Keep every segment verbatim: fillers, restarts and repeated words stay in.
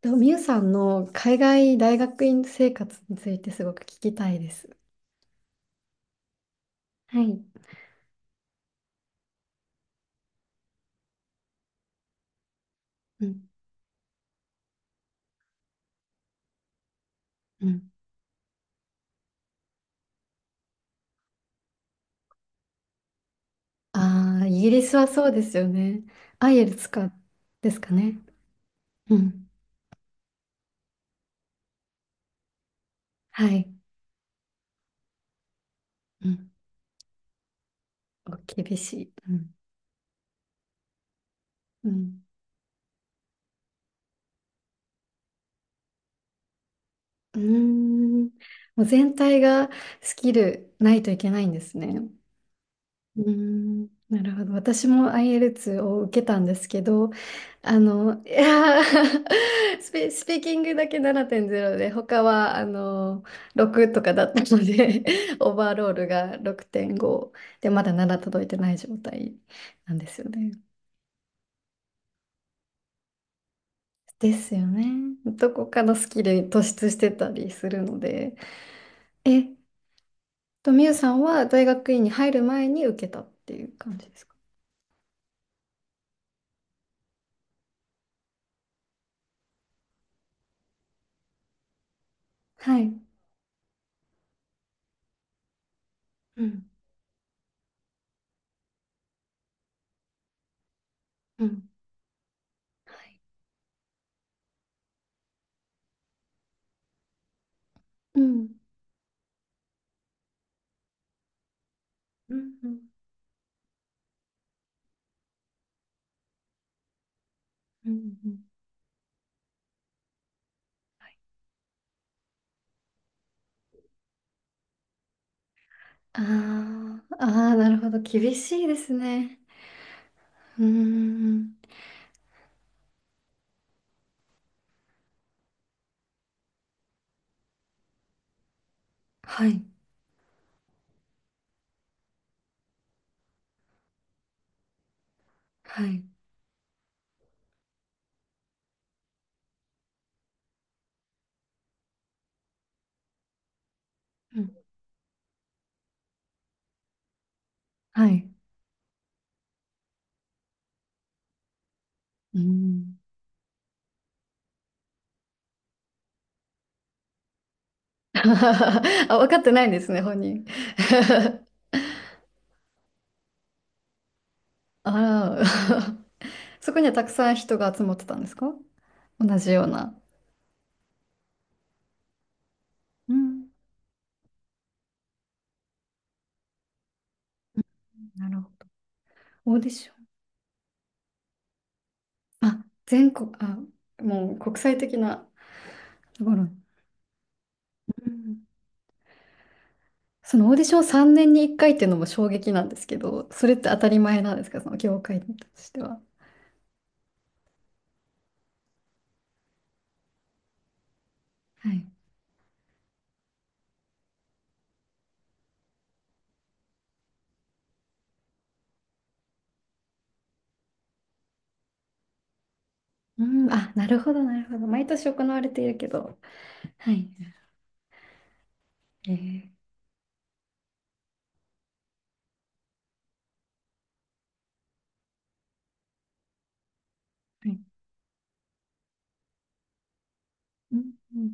と、みゆさんの海外大学院生活についてすごく聞きたいです。はい。うん。うん。ああ、イギリスはそうですよね。アイエルツか、ですかね。うん。はい。うん。お厳しい。うん。うん。うーん。もう全体がスキルないといけないんですね。うーん、なるほど。私も i l t s を受けたんですけど、あの、いやー スピ、スピーキングだけななてんゼロで、他はあのろくとかだったので、オーバーロールがろくてんごで、まだなな届いてない状態なんですよね。ですよね。どこかのスキルに突出してたりするので。えっと、みゆさんは大学院に入る前に受けたっていう感じですか？はい。うん。うん。うん。うん。うんうん。ああ、ああ、なるほど。厳しいですね。うーん。はい。はい。うん。はい。うん。あ、分かってないんですね、本人。あら。そこにはたくさん人が集まってたんですか？同じような。うん。なるほど。オーディション。あ、全国、あ、もう国際的なところ。うん。そのオーディションさんねんにいっかいっていうのも衝撃なんですけど、それって当たり前なんですか、その業界としては？はい。うん、あ、なるほど、なるほど。毎年行われているけど。はい。えー、はい。うん、うん、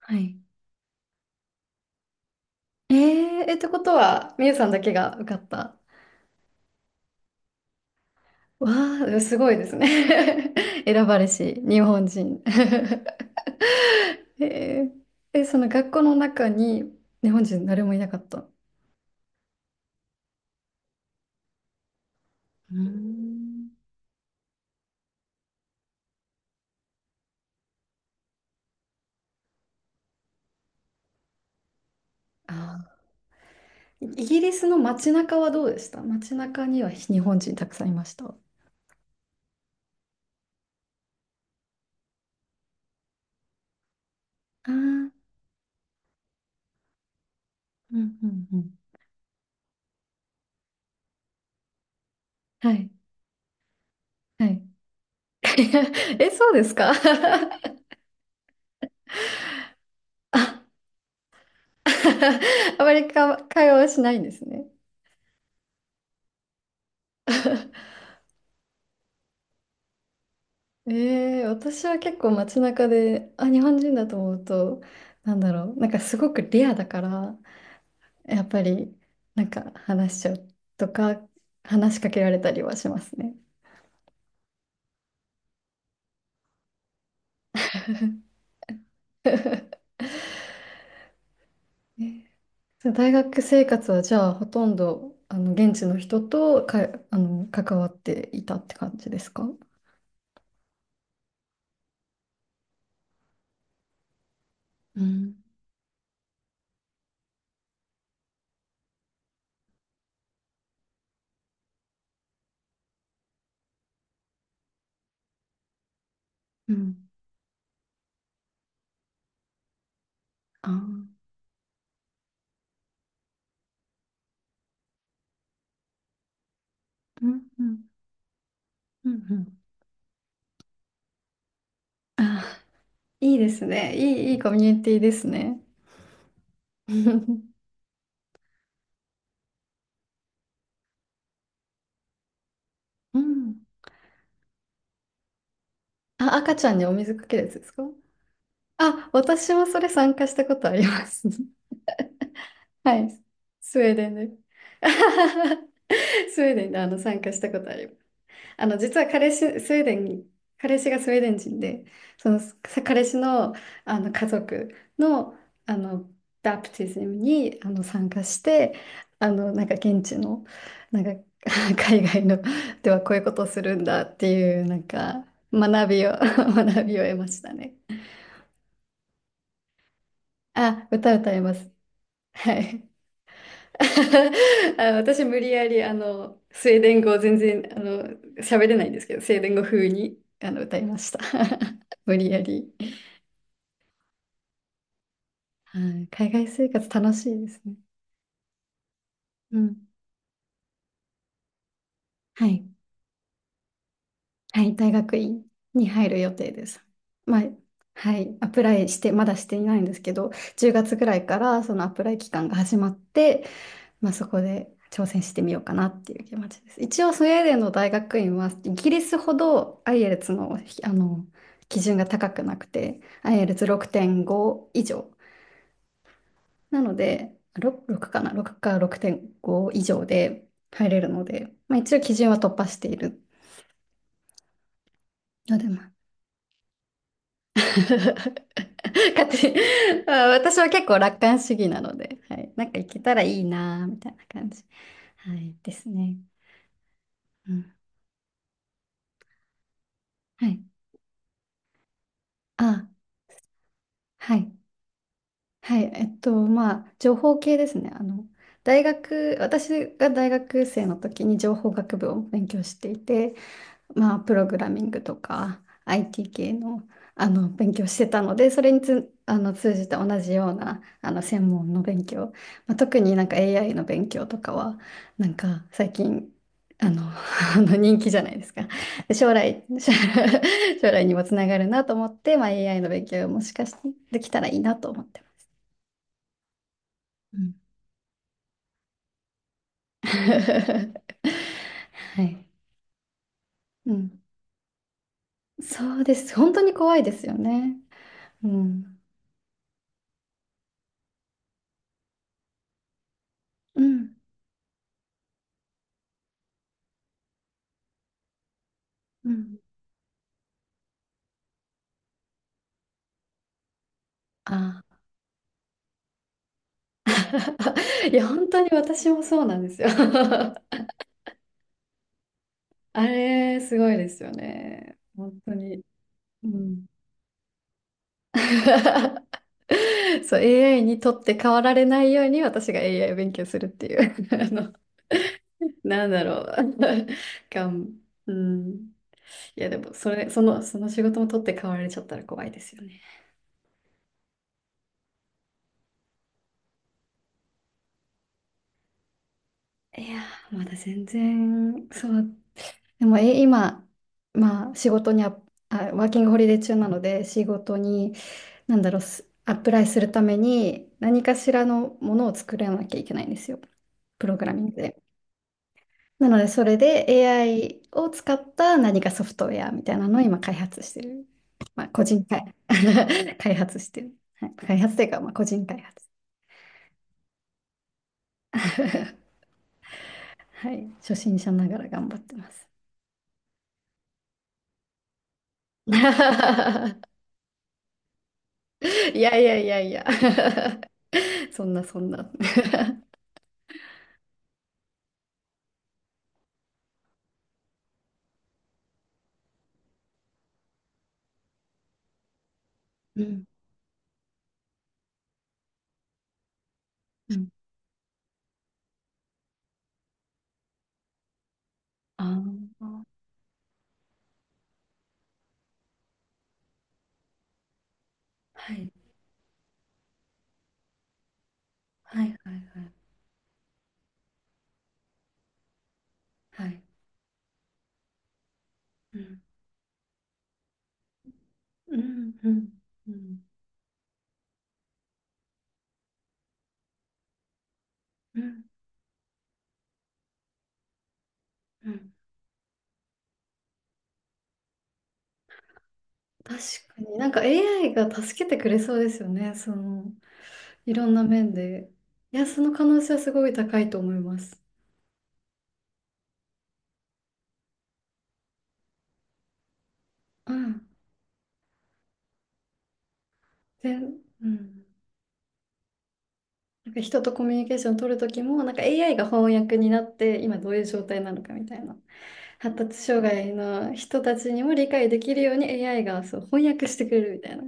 はい。えー、え、ってことは、みゆさんだけが受かった？わあ、すごいですね。選ばれし、日本人。えー、え、その学校の中に日本人誰もいなかった？うーん。あー、イギリスの街中はどうでした？街中には日本人たくさんいました？ああ、うんうんうん。はい。はい え、そうですか？ あ、あまりか会話はしないんですね。えー、私は結構街中で、あ、日本人だと思うと、なんだろう、なんかすごくレアだから、やっぱり、なんか話しちゃうとか、話しかけられたりはしますね。えーそう大学生活はじゃあ、ほとんど、あの、現地の人とか、あの、関わっていたって感じですか？うん、うん、あー、うん、うん、うん、うん。あーいいですね。いい、いいコミュニティですね。うん。あ、赤ちゃんにお水かけるやつですか？あ、私もそれ参加したことあります。はい。スウェーデンで。スウェーデンであの参加したことあります。あの、実は彼氏、スウェーデン、彼氏がスウェーデン人で、その彼氏の、あの家族の、あのバプティズムにあの参加して、あのなんか現地の、なんか 海外のではこういうことをするんだっていう、なんか学びを 学びを得ましたね。あ、歌歌えます。はい。あの私無理やりあのスウェーデン語全然あの喋れないんですけどスウェーデン語風にあの歌いました 無理やり、はい、海外生活楽しいですね、うん、はいはい、大学院に入る予定です。まあ、はい、アプライしてまだしていないんですけど、じゅうがつぐらいからそのアプライ期間が始まって、まあ、そこで挑戦してみようかなっていう気持ちです。一応スウェーデンの大学院はイギリスほど IELTS の、あの基準が高くなくて アイエルツろくてんご 以上なので ろく, ろくかなろくかろくてんご以上で入れるので、まあ、一応基準は突破しているので、まあ、勝手にまあ私は結構楽観主義なので、はい、なんか行けたらいいなみたいな感じ、はい、ですね。うん、はい。あ、はい。はい、えっと、まあ、情報系ですね。あの、大学、私が大学生の時に情報学部を勉強していて、まあ、プログラミングとか アイティー 系の、あの、勉強してたので、それにつ、あの、通じた同じような、あの、専門の勉強、まあ、特になんか エーアイ の勉強とかは、なんか最近、あの、あの人気じゃないですか。で将来、将来 将来にもつながるなと思って、まあ、エーアイ の勉強もしかしてできたらいいなと思ってます。はい。うん、そうです。本当に怖いですよね。うん、うん、うん。あー いや、本当に私もそうなんですよ。あれ、すごいですよね。本当に。うん。そう、エーアイ にとって変わられないように私が エーアイ を勉強するっていう。あの、なんだろう。がん、うん。いや、でも、それ、その、その仕事も取って代わられちゃったら怖いですよね。いやー、まだ全然、そう、でも、え、今、まあ、仕事にあ、あ、ワーキングホリデー中なので、仕事に、なんだろう、すアップライするために、何かしらのものを作らなきゃいけないんですよ。プログラミングで。なので、それで エーアイ を使った何かソフトウェアみたいなのを今開発してる。まあ、個人開、開発してる。はい、開発というか、まあ、個人開発。はい、初心者ながら頑張ってます。いやいやいやいや そんなそんな。うんうん。ああ、はい。はいはいはいはい。うん、うん、うん、うん、うん、うん。確かになんか エーアイ が助けてくれそうですよね。その、いろんな面で。いや、その可能性はすごい高いと思います。うん。全、うん。なんか人とコミュニケーション取る時もなんか エーアイ が翻訳になって今どういう状態なのかみたいな、発達障害の人たちにも理解できるように エーアイ がそう翻訳してくれるみたいな、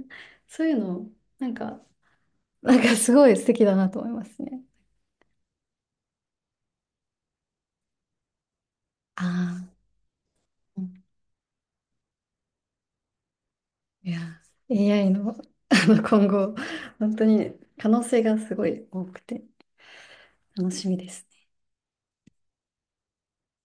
そういうのなんか、なんかすごい素敵だなと思いますね。ああ、うん、いや、エーアイ の、あの今後本当に可能性がすごい多くて楽しみです。